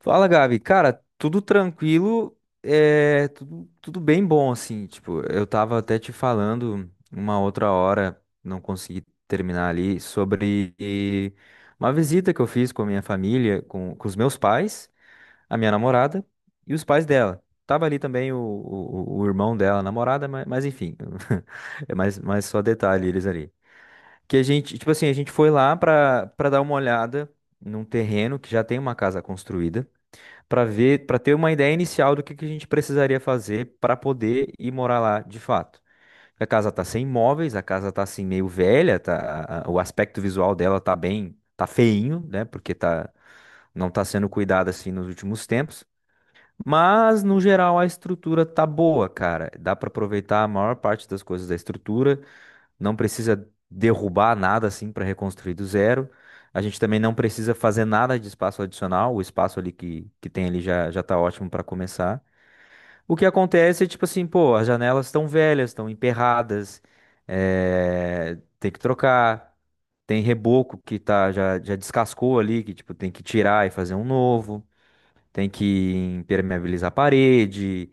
Fala, Gabi. Cara, tudo tranquilo, é tudo bem bom, assim. Tipo, eu tava até te falando uma outra hora, não consegui terminar ali, sobre uma visita que eu fiz com a minha família, com os meus pais, a minha namorada e os pais dela. Tava ali também o irmão dela, a namorada, mas enfim, é mais só detalhe eles ali. Que a gente, tipo assim, a gente foi lá pra dar uma olhada num terreno que já tem uma casa construída para ver, para ter uma ideia inicial do que a gente precisaria fazer para poder ir morar lá de fato. A casa tá sem móveis, a casa tá assim meio velha, tá, o aspecto visual dela tá bem, tá feinho, né? Porque não tá sendo cuidado assim nos últimos tempos. Mas no geral a estrutura tá boa, cara. Dá para aproveitar a maior parte das coisas da estrutura. Não precisa derrubar nada assim para reconstruir do zero. A gente também não precisa fazer nada de espaço adicional, o espaço ali que tem ali já tá ótimo para começar. O que acontece é tipo assim, pô, as janelas estão velhas, estão emperradas, tem que trocar, tem reboco que tá já descascou ali, que tipo tem que tirar e fazer um novo, tem que impermeabilizar a parede.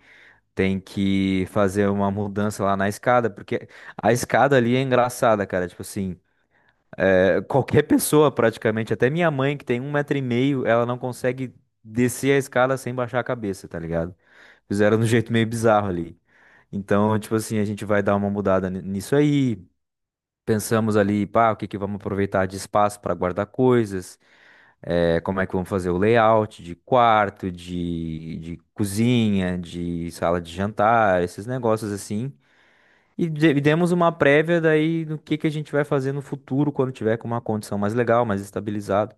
Tem que fazer uma mudança lá na escada, porque a escada ali é engraçada, cara. Tipo assim, qualquer pessoa praticamente, até minha mãe que tem 1,5 m, ela não consegue descer a escada sem baixar a cabeça, tá ligado? Fizeram de um jeito meio bizarro ali. Então, tipo assim, a gente vai dar uma mudada nisso aí. Pensamos ali, pá, o que que vamos aproveitar de espaço para guardar coisas. Como é que vamos fazer o layout de quarto, de cozinha, de sala de jantar, esses negócios assim. E demos uma prévia daí do que a gente vai fazer no futuro quando tiver com uma condição mais legal, mais estabilizado.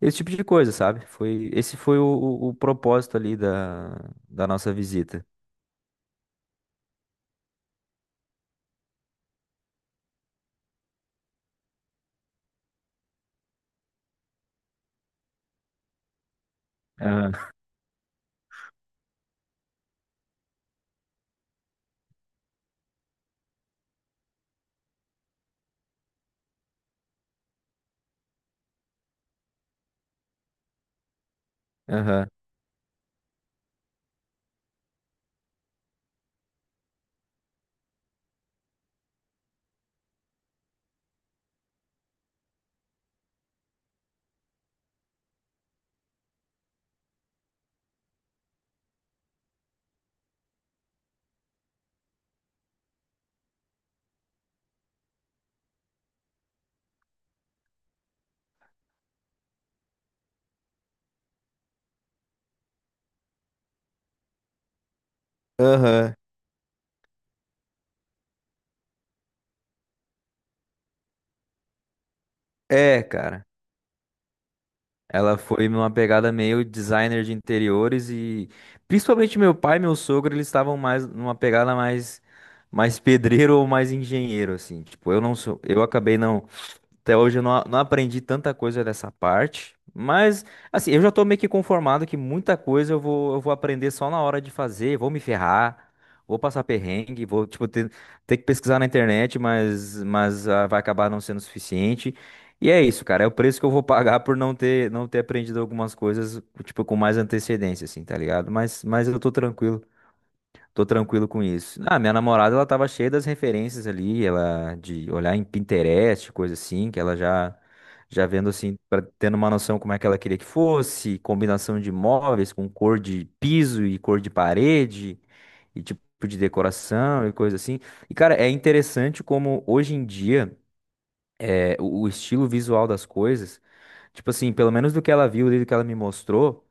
Esse tipo de coisa, sabe? Esse foi o propósito ali da nossa visita. Aham. Aham. Aham. É, cara. Ela foi numa pegada meio designer de interiores e principalmente meu pai e meu sogro, eles estavam mais numa pegada mais pedreiro ou mais engenheiro assim. Tipo, eu não sou, eu acabei não até hoje eu não, não aprendi tanta coisa dessa parte, mas assim, eu já tô meio que conformado que muita coisa eu vou aprender só na hora de fazer, vou me ferrar, vou passar perrengue, vou tipo ter que pesquisar na internet, mas vai acabar não sendo suficiente. E é isso, cara, é o preço que eu vou pagar por não ter aprendido algumas coisas, tipo, com mais antecedência, assim, tá ligado? Mas eu tô tranquilo. Tô tranquilo com isso. Ah, minha namorada, ela tava cheia das referências ali, ela de olhar em Pinterest, coisa assim, que ela já vendo assim, pra, tendo uma noção como é que ela queria que fosse, combinação de móveis com cor de piso e cor de parede e tipo de decoração e coisa assim. E cara, é interessante como hoje em dia o estilo visual das coisas, tipo assim, pelo menos do que ela viu, e do que ela me mostrou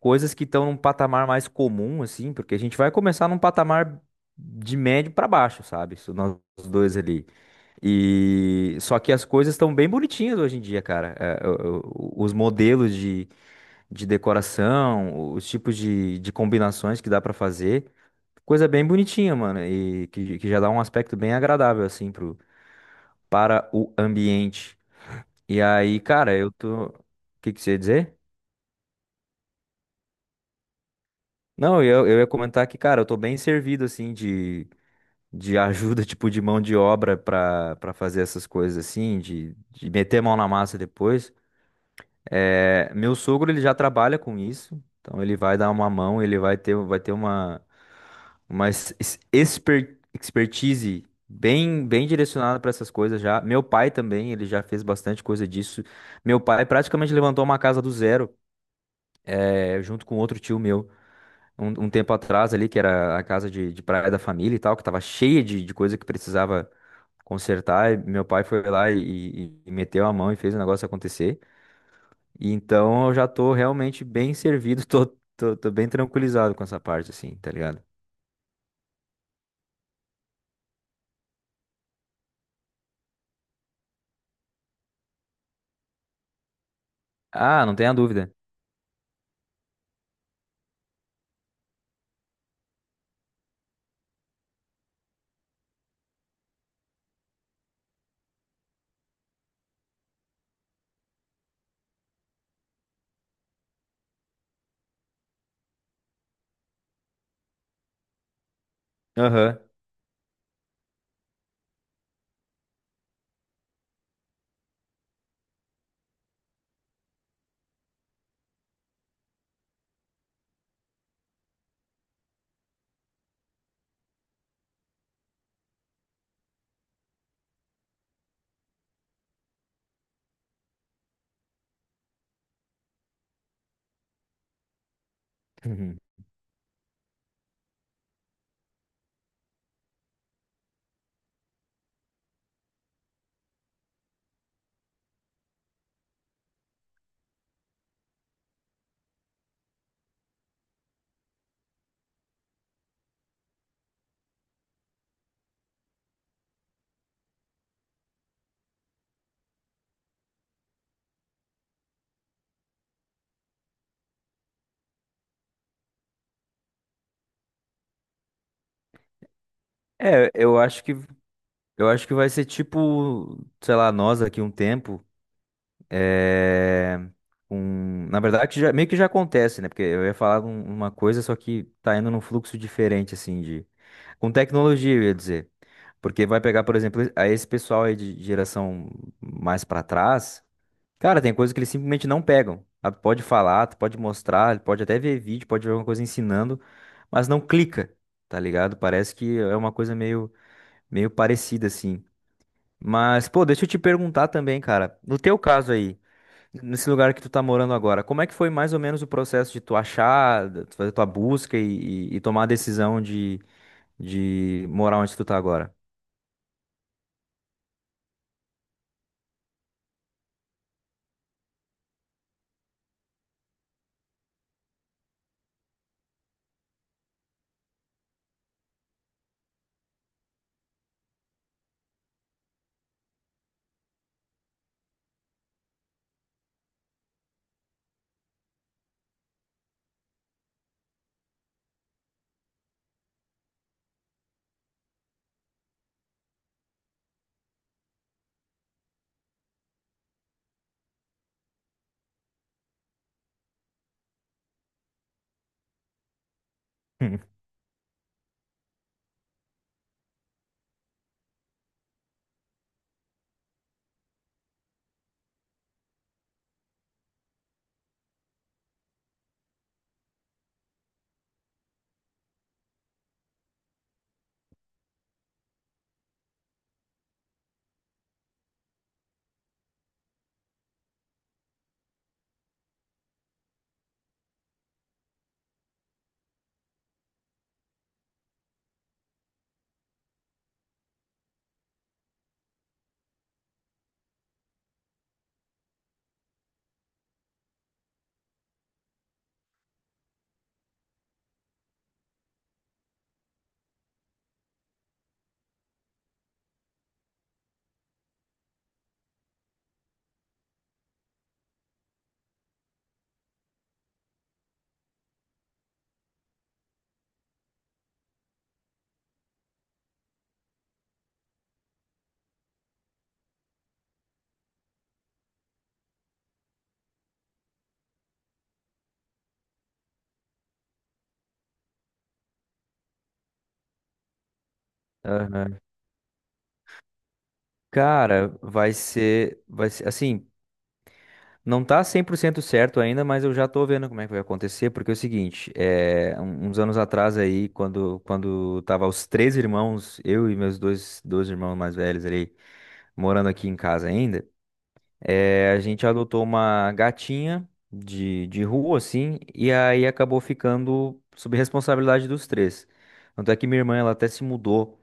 coisas que estão num patamar mais comum, assim, porque a gente vai começar num patamar de médio para baixo, sabe? Isso. Nós dois ali. E só que as coisas estão bem bonitinhas hoje em dia, cara. Os modelos de decoração, os tipos de combinações que dá pra fazer, coisa bem bonitinha, mano, e que já dá um aspecto bem agradável, assim, para o ambiente. E aí, cara, eu tô. O que que você ia dizer? Não, eu ia comentar que, cara, eu tô bem servido, assim, de ajuda, tipo, de mão de obra para fazer essas coisas assim, de meter a mão na massa depois. É, meu sogro, ele já trabalha com isso, então ele vai dar uma mão, ele vai ter uma expertise bem direcionada para essas coisas já. Meu pai também, ele já fez bastante coisa disso. Meu pai praticamente levantou uma casa do zero, junto com outro tio meu. Um tempo atrás ali, que era a casa de praia da família e tal, que tava cheia de coisa que precisava consertar, e meu pai foi lá e meteu a mão e fez o negócio acontecer. E então eu já tô realmente bem servido, tô bem tranquilizado com essa parte, assim, tá ligado? Ah, não tenha dúvida. Aham. Uhum. É, eu acho que vai ser tipo, sei lá, nós aqui um tempo. É, na verdade, meio que já acontece, né? Porque eu ia falar uma coisa, só que tá indo num fluxo diferente, assim, de. Com tecnologia, eu ia dizer. Porque vai pegar, por exemplo, a esse pessoal aí de geração mais pra trás, cara, tem coisas que eles simplesmente não pegam. Ah, tu pode falar, tu pode mostrar, pode até ver vídeo, pode ver alguma coisa ensinando, mas não clica, tá ligado? Parece que é uma coisa meio parecida, assim. Mas, pô, deixa eu te perguntar também, cara. No teu caso aí, nesse lugar que tu tá morando agora, como é que foi mais ou menos o processo de tu achar, de tu fazer tua busca e tomar a decisão de morar onde tu tá agora? Aham. Cara, vai ser, assim, não tá 100% certo ainda, mas eu já tô vendo como é que vai acontecer, porque é o seguinte, uns anos atrás aí, quando tava os três irmãos, eu e meus dois irmãos mais velhos ali, morando aqui em casa ainda. A gente adotou uma gatinha de rua, assim, e aí acabou ficando sob responsabilidade dos três. Tanto é que minha irmã, ela até se mudou,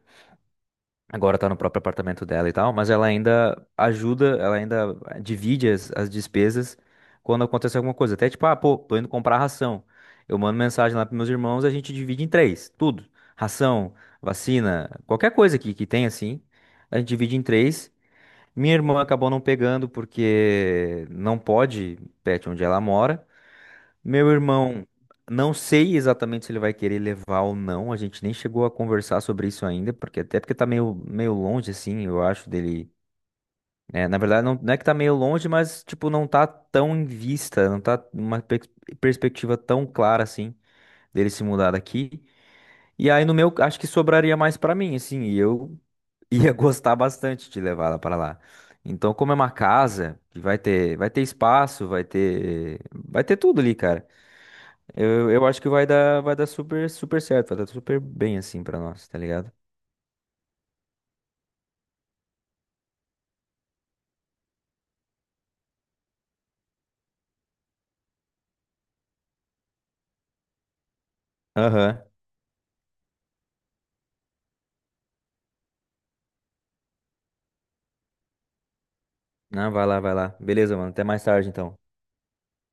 agora tá no próprio apartamento dela e tal, mas ela ainda ajuda, ela ainda divide as despesas quando acontece alguma coisa. Até tipo, ah, pô, tô indo comprar ração. Eu mando mensagem lá pros meus irmãos, a gente divide em três, tudo. Ração, vacina, qualquer coisa que tem, assim, a gente divide em três. Minha irmã acabou não pegando porque não pode pet onde ela mora. Meu irmão, não sei exatamente se ele vai querer levar ou não. A gente nem chegou a conversar sobre isso ainda, porque até porque tá meio longe, assim, eu acho, dele. É, na verdade, não, não é que tá meio longe, mas, tipo, não tá tão em vista, não tá uma perspectiva tão clara, assim, dele se mudar daqui. E aí, no meu, acho que sobraria mais pra mim, assim, e eu ia gostar bastante de levar ela para lá. Então, como é uma casa que vai ter espaço, vai ter tudo ali, cara. Eu acho que vai dar super, super certo, vai dar super bem assim para nós, tá ligado? Aham. Não, vai lá, vai lá. Beleza, mano. Até mais tarde, então.